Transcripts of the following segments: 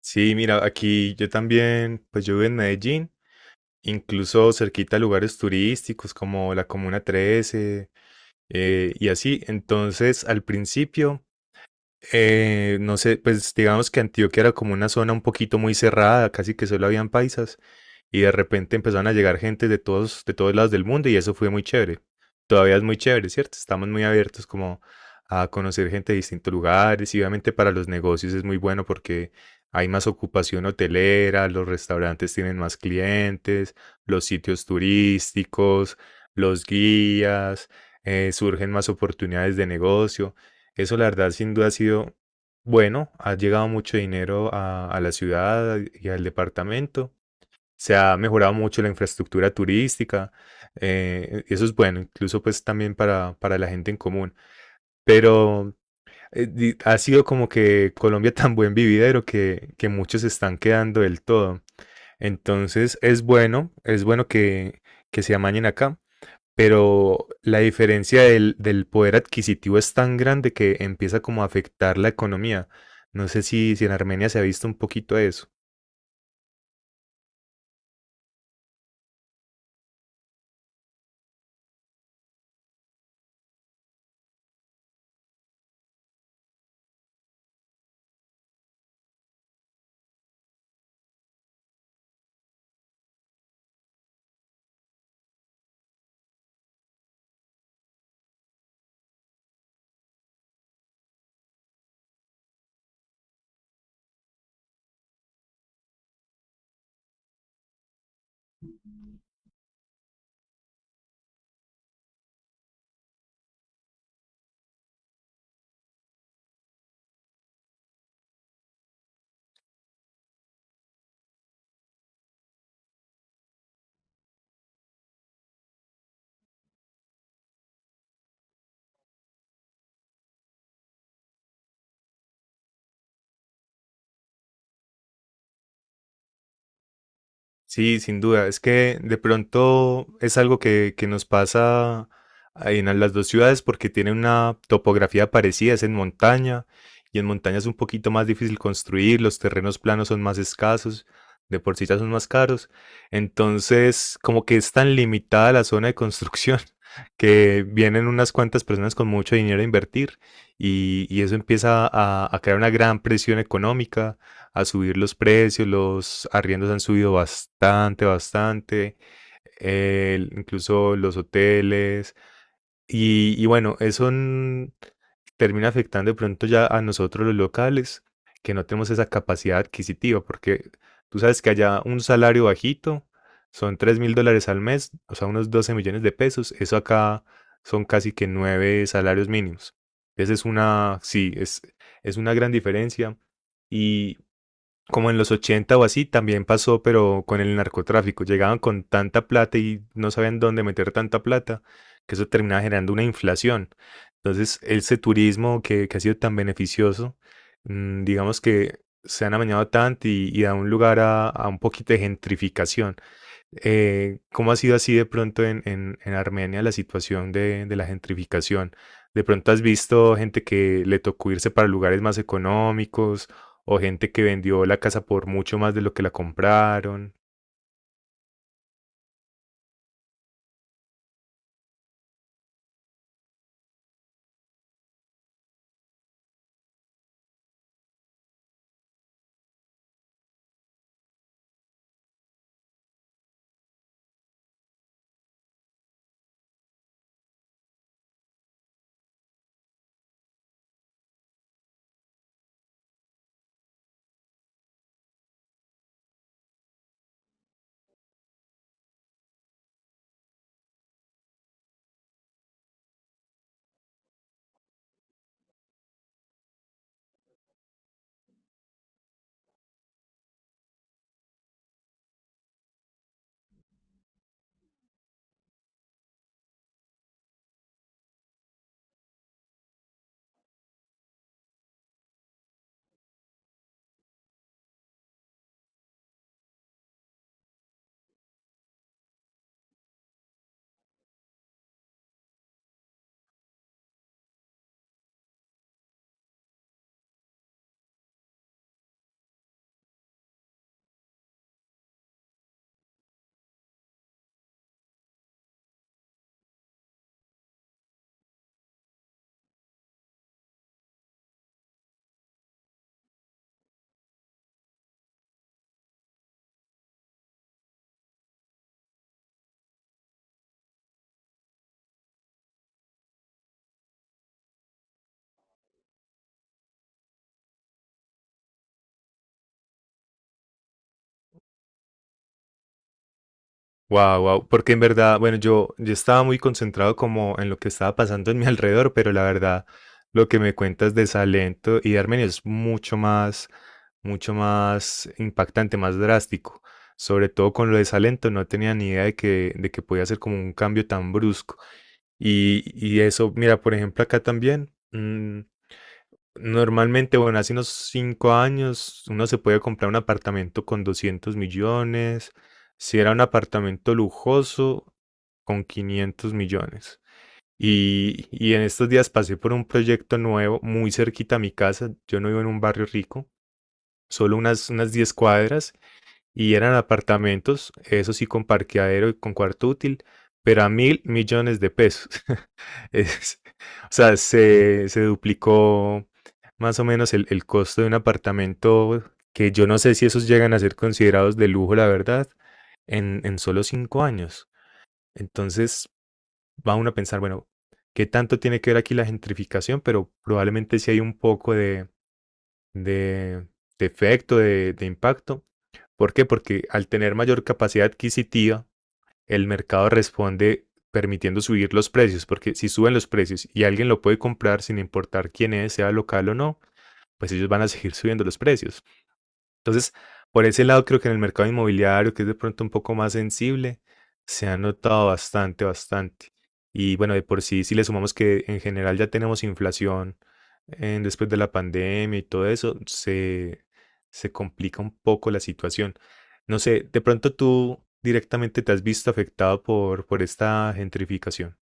Sí, mira, aquí yo también, pues yo vivo en Medellín, incluso cerquita a lugares turísticos como la Comuna 13 y así. Entonces, al principio, no sé, pues digamos que Antioquia era como una zona un poquito muy cerrada, casi que solo habían paisas, y de repente empezaron a llegar gente de todos lados del mundo, y eso fue muy chévere. Todavía es muy chévere, ¿cierto? Estamos muy abiertos como a conocer gente de distintos lugares, y obviamente para los negocios es muy bueno porque hay más ocupación hotelera, los restaurantes tienen más clientes, los sitios turísticos, los guías, surgen más oportunidades de negocio. Eso la verdad sin duda ha sido bueno, ha llegado mucho dinero a la ciudad y al departamento, se ha mejorado mucho la infraestructura turística, eso es bueno, incluso pues también para la gente en común, pero ha sido como que Colombia tan buen vividero que muchos se están quedando del todo. Entonces es bueno que se amañen acá, pero la diferencia del poder adquisitivo es tan grande que empieza como a afectar la economía. No sé si en Armenia se ha visto un poquito eso. Sí, sin duda. Es que de pronto es algo que nos pasa en las dos ciudades porque tienen una topografía parecida, es en montaña y en montaña es un poquito más difícil construir, los terrenos planos son más escasos, de por sí ya son más caros. Entonces, como que es tan limitada la zona de construcción que vienen unas cuantas personas con mucho dinero a invertir, y eso empieza a crear una gran presión económica, a subir los precios, los arriendos han subido bastante, bastante, incluso los hoteles. Y bueno, eso termina afectando de pronto ya a nosotros los locales, que no tenemos esa capacidad adquisitiva, porque tú sabes que allá un salario bajito son $3.000 al mes, o sea, unos 12 millones de pesos, eso acá son casi que 9 salarios mínimos. Esa es una, sí, es una gran diferencia. Y, como en los 80 o así, también pasó, pero con el narcotráfico. Llegaban con tanta plata y no sabían dónde meter tanta plata, que eso terminaba generando una inflación. Entonces, ese turismo que ha sido tan beneficioso, digamos que se han amañado tanto y da un lugar a un poquito de gentrificación. ¿Cómo ha sido así de pronto en, en Armenia la situación de la gentrificación? ¿De pronto has visto gente que le tocó irse para lugares más económicos o gente que vendió la casa por mucho más de lo que la compraron? Wow, wow, porque en verdad, bueno, yo estaba muy concentrado como en lo que estaba pasando en mi alrededor, pero la verdad, lo que me cuentas de Salento y de Armenia es mucho más impactante, más drástico. Sobre todo con lo de Salento, no tenía ni idea de que podía ser como un cambio tan brusco. Y eso, mira, por ejemplo, acá también. Normalmente, bueno, hace unos 5 años uno se puede comprar un apartamento con 200 millones. Si era un apartamento lujoso, con 500 millones. Y en estos días pasé por un proyecto nuevo muy cerquita a mi casa. Yo no vivo en un barrio rico, solo unas 10 cuadras. Y eran apartamentos, eso sí, con parqueadero y con cuarto útil, pero a 1.000 millones de pesos. Es- o sea, se duplicó más o menos el costo de un apartamento que yo no sé si esos llegan a ser considerados de lujo, la verdad, en solo 5 años. Entonces va uno a pensar, bueno, ¿qué tanto tiene que ver aquí la gentrificación? Pero probablemente sí hay un poco de, de efecto, de impacto. ¿Por qué? Porque al tener mayor capacidad adquisitiva, el mercado responde permitiendo subir los precios, porque si suben los precios y alguien lo puede comprar sin importar quién es, sea local o no, pues ellos van a seguir subiendo los precios. Entonces, por ese lado, creo que en el mercado inmobiliario, que es de pronto un poco más sensible, se ha notado bastante, bastante. Y bueno, de por sí, si le sumamos que en general ya tenemos inflación después de la pandemia y todo eso, se complica un poco la situación. No sé, de pronto tú directamente te has visto afectado por esta gentrificación.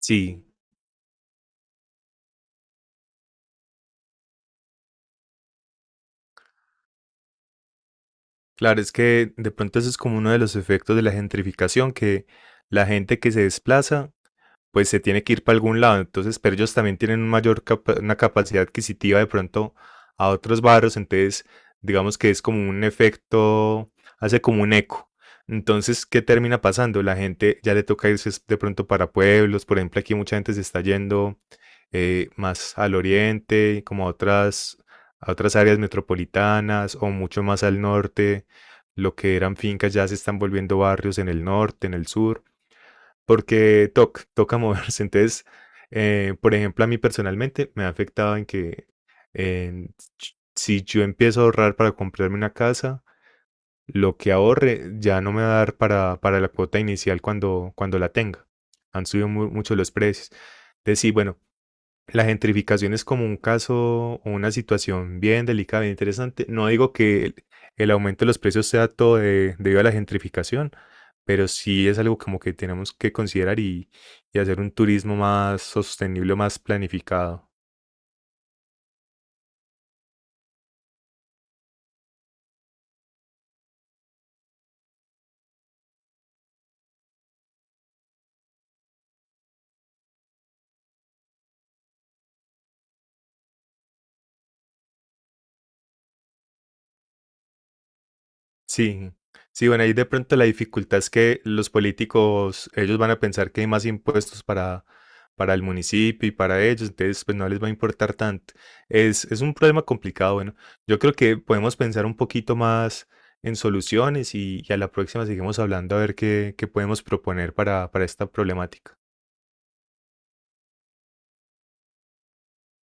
Sí, claro, es que de pronto eso es como uno de los efectos de la gentrificación, que la gente que se desplaza pues se tiene que ir para algún lado. Entonces, pero ellos también tienen una capacidad adquisitiva de pronto a otros barrios. Entonces, digamos que es como un efecto, hace como un eco. Entonces, ¿qué termina pasando? La gente ya le toca irse de pronto para pueblos. Por ejemplo, aquí mucha gente se está yendo, más al oriente, como a otras, áreas metropolitanas o mucho más al norte. Lo que eran fincas ya se están volviendo barrios en el norte, en el sur porque toca moverse. Entonces, por ejemplo, a mí personalmente me ha afectado en que, eh, si yo empiezo a ahorrar para comprarme una casa, lo que ahorre ya no me va a dar para la cuota inicial cuando la tenga. Han subido mucho los precios. Entonces, sí, bueno, la gentrificación es como un caso o una situación bien delicada, bien interesante. No digo que el aumento de los precios sea todo debido a la gentrificación, pero sí es algo como que tenemos que considerar y hacer un turismo más sostenible, más planificado. Sí, sí, bueno, ahí de pronto la dificultad es que los políticos, ellos van a pensar que hay más impuestos para el municipio y para ellos, entonces pues no les va a importar tanto. Es un problema complicado, bueno, yo creo que podemos pensar un poquito más en soluciones y a la próxima seguimos hablando a ver qué podemos proponer para esta problemática.